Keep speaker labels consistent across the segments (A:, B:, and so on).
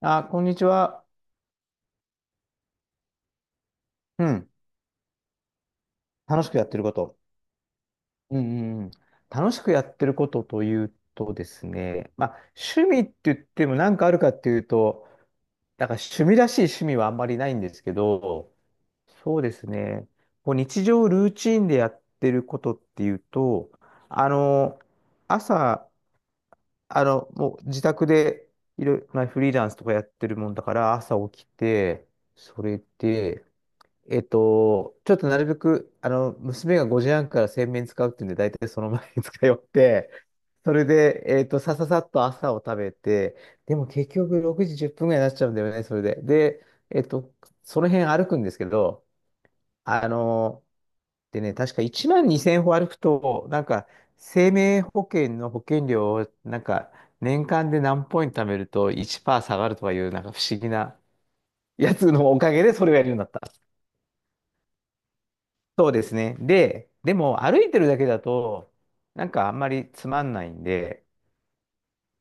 A: あ、こんにちは。うん。楽しくやってること。うんうんうん。楽しくやってることというとですね、まあ、趣味って言っても何かあるかっていうと、だから趣味らしい趣味はあんまりないんですけど、そうですね、こう日常ルーチンでやってることっていうと、あの、朝、もう自宅でいろいろ、まあ、フリーランスとかやってるもんだから、朝起きて、それで、ちょっとなるべく、娘が5時半から洗面使うっていうんで、大体その前に使い終わって、それで、さささっと朝を食べて、でも結局6時10分ぐらいになっちゃうんだよね、それで。で、その辺歩くんですけど、あの、でね、確か1万2千歩歩くと、なんか、生命保険の保険料を、なんか、年間で何ポイント貯めると1%下がるとかいう、なんか不思議なやつのおかげでそれをやるようになった。そうですね。で、でも歩いてるだけだと、なんかあんまりつまんないんで、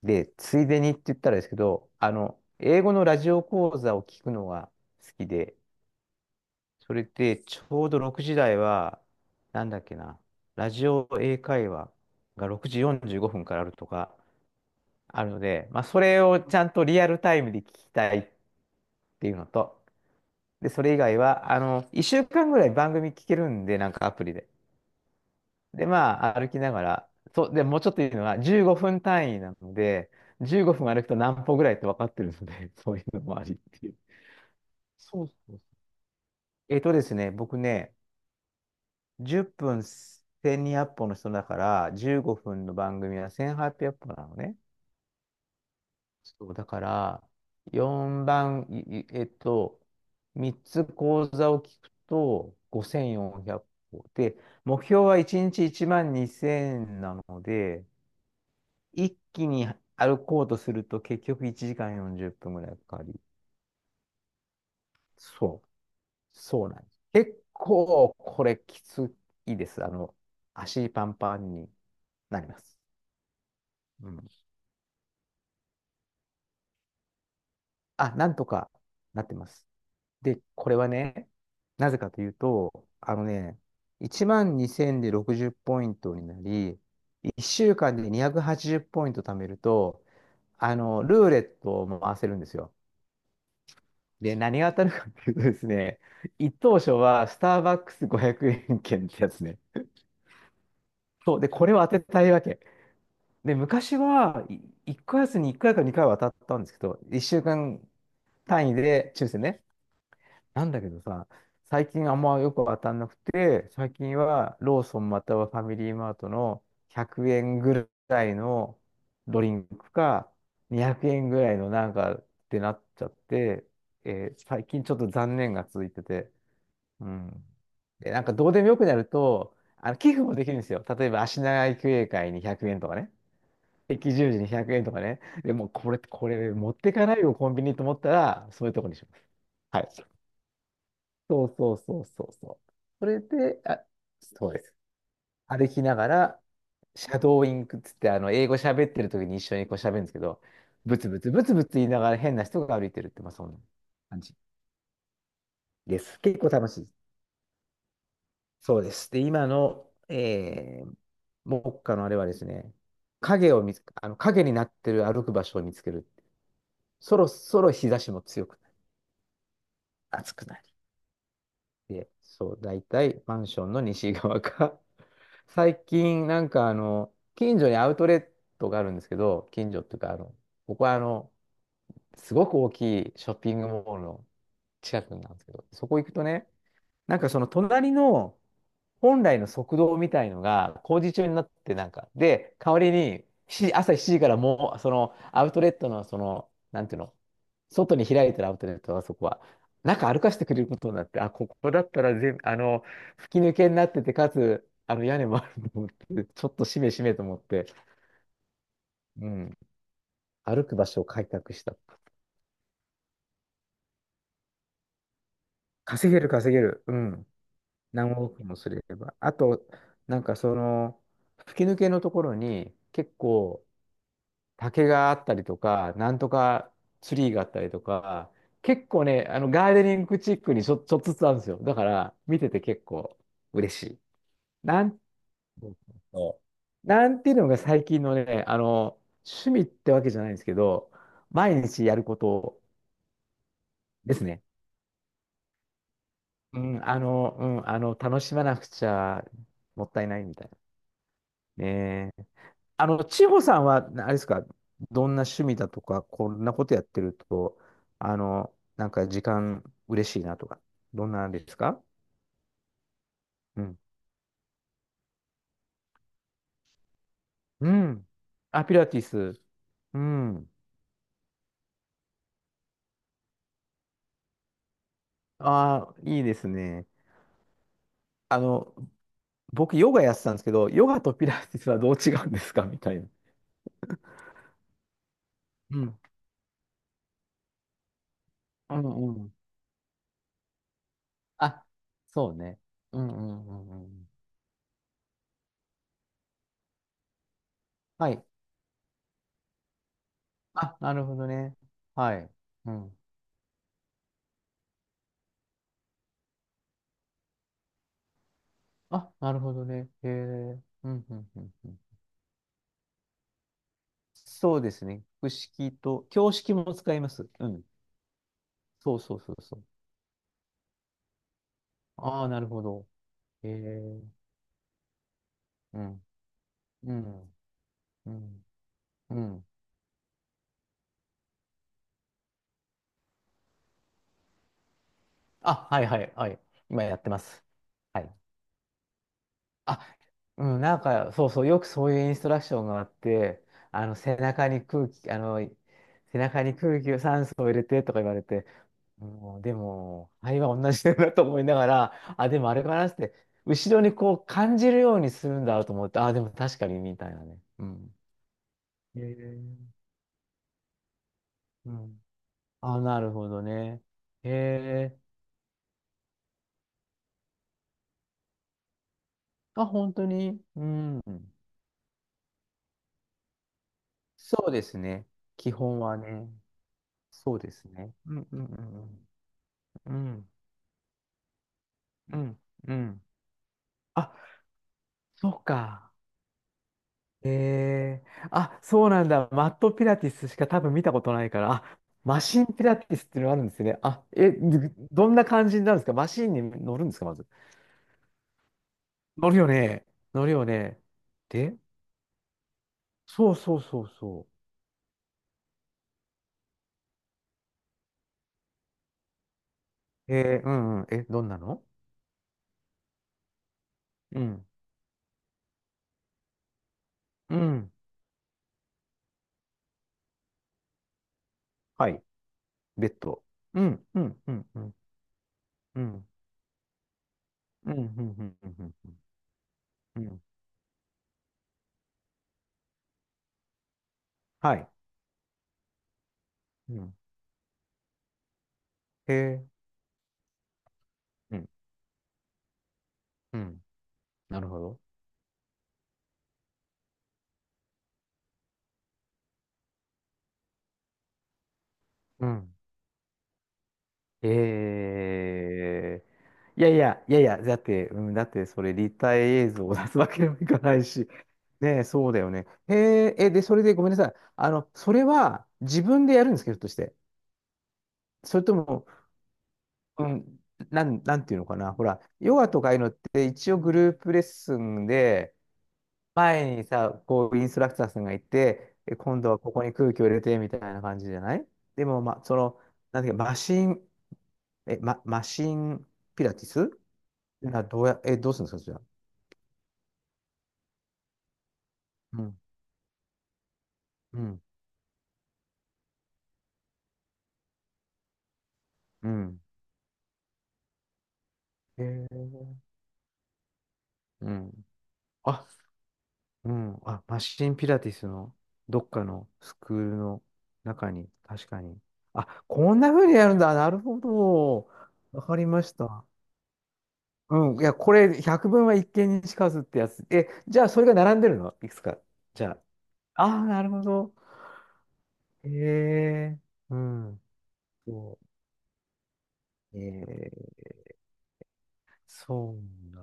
A: で、ついでにって言ったらですけど、英語のラジオ講座を聞くのが好きで、それでちょうど6時台は、なんだっけな、ラジオ英会話が6時45分からあるとかあるので、まあ、それをちゃんとリアルタイムで聞きたいっていうのと、で、それ以外は、1週間ぐらい番組聞けるんで、なんかアプリで。で、まあ、歩きながら、そう、で、もうちょっといいのは、15分単位なので、15分歩くと何歩ぐらいって分かってるので、そういうのもありっていう。そうそうそう。ですね、僕ね、10分1200歩の人だから、15分の番組は1800歩なのね。そう、だから、4番、いい、3つ講座を聞くと、5400歩。で、目標は1日1万2000なので、一気に歩こうとすると結局1時間40分ぐらいかかり、そう、そうなんです。結構これきついです。足パンパンになります。うん。あ、なんとかなってます。で、これはね、なぜかというと、1万2000で60ポイントになり、1週間で280ポイント貯めると、ルーレットを回せるんですよ。で、何が当たるかっていうとですね、一等賞はスターバックス500円券ってやつね。そう、で、これを当てたいわけ。で、昔は1ヶ月に1回か2回は当たったんですけど、1週間単位で抽選ね。なんだけどさ、最近あんまよく当たんなくて、最近はローソンまたはファミリーマートの100円ぐらいのドリンクか、200円ぐらいのなんかってなっちゃって、最近ちょっと残念が続いてて、うん。で、なんかどうでもよくなると、寄付もできるんですよ。例えば、足長育英会に100円とかね。赤十字に100円とかね。でも、これ持ってかないよ、コンビニと思ったら、そういうとこにします。はい。そうそうそうそうそう。それで、あ、そうです。歩きながら、シャドーインクっつって、英語喋ってる時に一緒にこう喋るんですけど、ブツブツブツブツ言いながら変な人が歩いてるって、まあ、そんな感じです。結構楽しい。そうです。で、今の、目下のあれはですね、影を見つ、あの影になってる歩く場所を見つける。そろそろ日差しも強くなり、暑くなり。で、そう、大体マンションの西側か。最近、近所にアウトレットがあるんですけど、近所っていうか、ここはすごく大きいショッピングモールの近くなんですけど、そこ行くとね、なんかその隣の、本来の速道みたいのが工事中になってなんか、で、代わりにし朝7時からもう、そのアウトレットの、その、なんていうの、外に開いてるアウトレットはそこは、中歩かせてくれることになって、あ、ここだったら全、あの、吹き抜けになってて、かつ、あの屋根もあると思って、ちょっとしめしめと思って、うん、歩く場所を開拓した。稼げる稼げる。うん。何億もすれば。あと、なんかその、吹き抜けのところに結構、竹があったりとか、なんとかツリーがあったりとか、結構ね、ガーデニングチックにちょっとずつあるんですよ。だから、見てて結構嬉しい。なん、そうなんていうのが最近のね、趣味ってわけじゃないんですけど、毎日やることですね。うん、うん、楽しまなくちゃもったいないみたいな。ねえ、千穂さんは、なあれですか？どんな趣味だとか、こんなことやってると、なんか時間嬉しいなとか、どんなんですか？うん。うん。あ、ピラティス。うん。ああ、いいですね。あの、僕、ヨガやってたんですけど、ヨガとピラティスはどう違うんですかみたいな。うん。うんうん。あ、そうね。うんうんうんうん。はい。あ、なるほどね。はい。うん。あ、なるほどね。へえ。うんうんうんうん。そうですね。複式と、教式も使います。うん。そうそうそうそう。ああ、なるほど。えー、うん、うん、うん、うん。あ、はいはいはい。今やってます。はい。あ、うん、なんか、そうそう、よくそういうインストラクションがあって、背中に空気、背中に空気を酸素を入れてとか言われて、もうでも、肺は同じだなと思いながら、あ、でもあれかなって、後ろにこう感じるようにするんだと思って、あ、でも確かにみたいなね。うん。へえ。うん。あ、なるほどね。へえ。あ、本当に。うん。そうですね。基本はね。そうですね。うんうんうんうん。うん。うん。うん。あ、そうか。あ、そうなんだ。マットピラティスしか多分見たことないから、あ、マシンピラティスっていうのがあるんですね。あ、え、どんな感じになるんですか？マシンに乗るんですか？まず。乗るよね。乗るよね。で、そうそうそうそう。うんうん。え、どんなの？うん。うん。はい。ベッド。うん、うん、うん、うん、うん、うん、うん、うん、うん、うん。うん、はい。うん。へえ。うん、うん。なるほど。うん。えいやいや、いやいや、だって、うん、だってそれ立体映像を出すわけにもいかないし、ねえ、そうだよね。へえ、え、で、それでごめんなさい。それは自分でやるんですけど、ひょっとして。それとも、うん、なんていうのかな。ほら、ヨガとかああいうのって一応グループレッスンで、前にさ、こう、インストラクターさんがいて、え今度はここに空気を入れて、みたいな感じじゃない？でも、ま、その、なんていうか、マシンピラティスな、どうするんですか、じゃあ。うん、うん、うん。へえ、うん。あ、うん。あ、マシンピラティスのどっかのスクールの中に、確かに。あ、こんな風にやるんだ。なるほど。わかりました。うん。いや、これ、百聞は一見にしかずってやつ。え、じゃあ、それが並んでるのいくつか。じゃあ。ああ、なるほど。へえ、うん。そう。そうだ。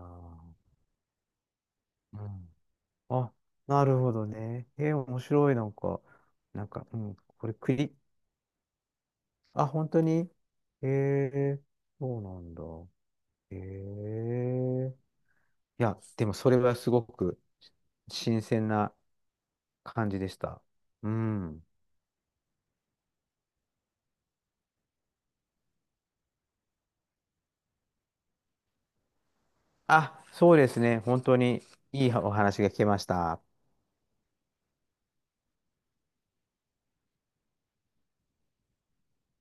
A: うん、あ、なるほどね。面白い、なんか、なんか、うん、これ栗、あ、本当にえー、そうなんだ。いや、でもそれはすごく新鮮な感じでした。うん。あ、そうですね。本当にいいお話が聞けました。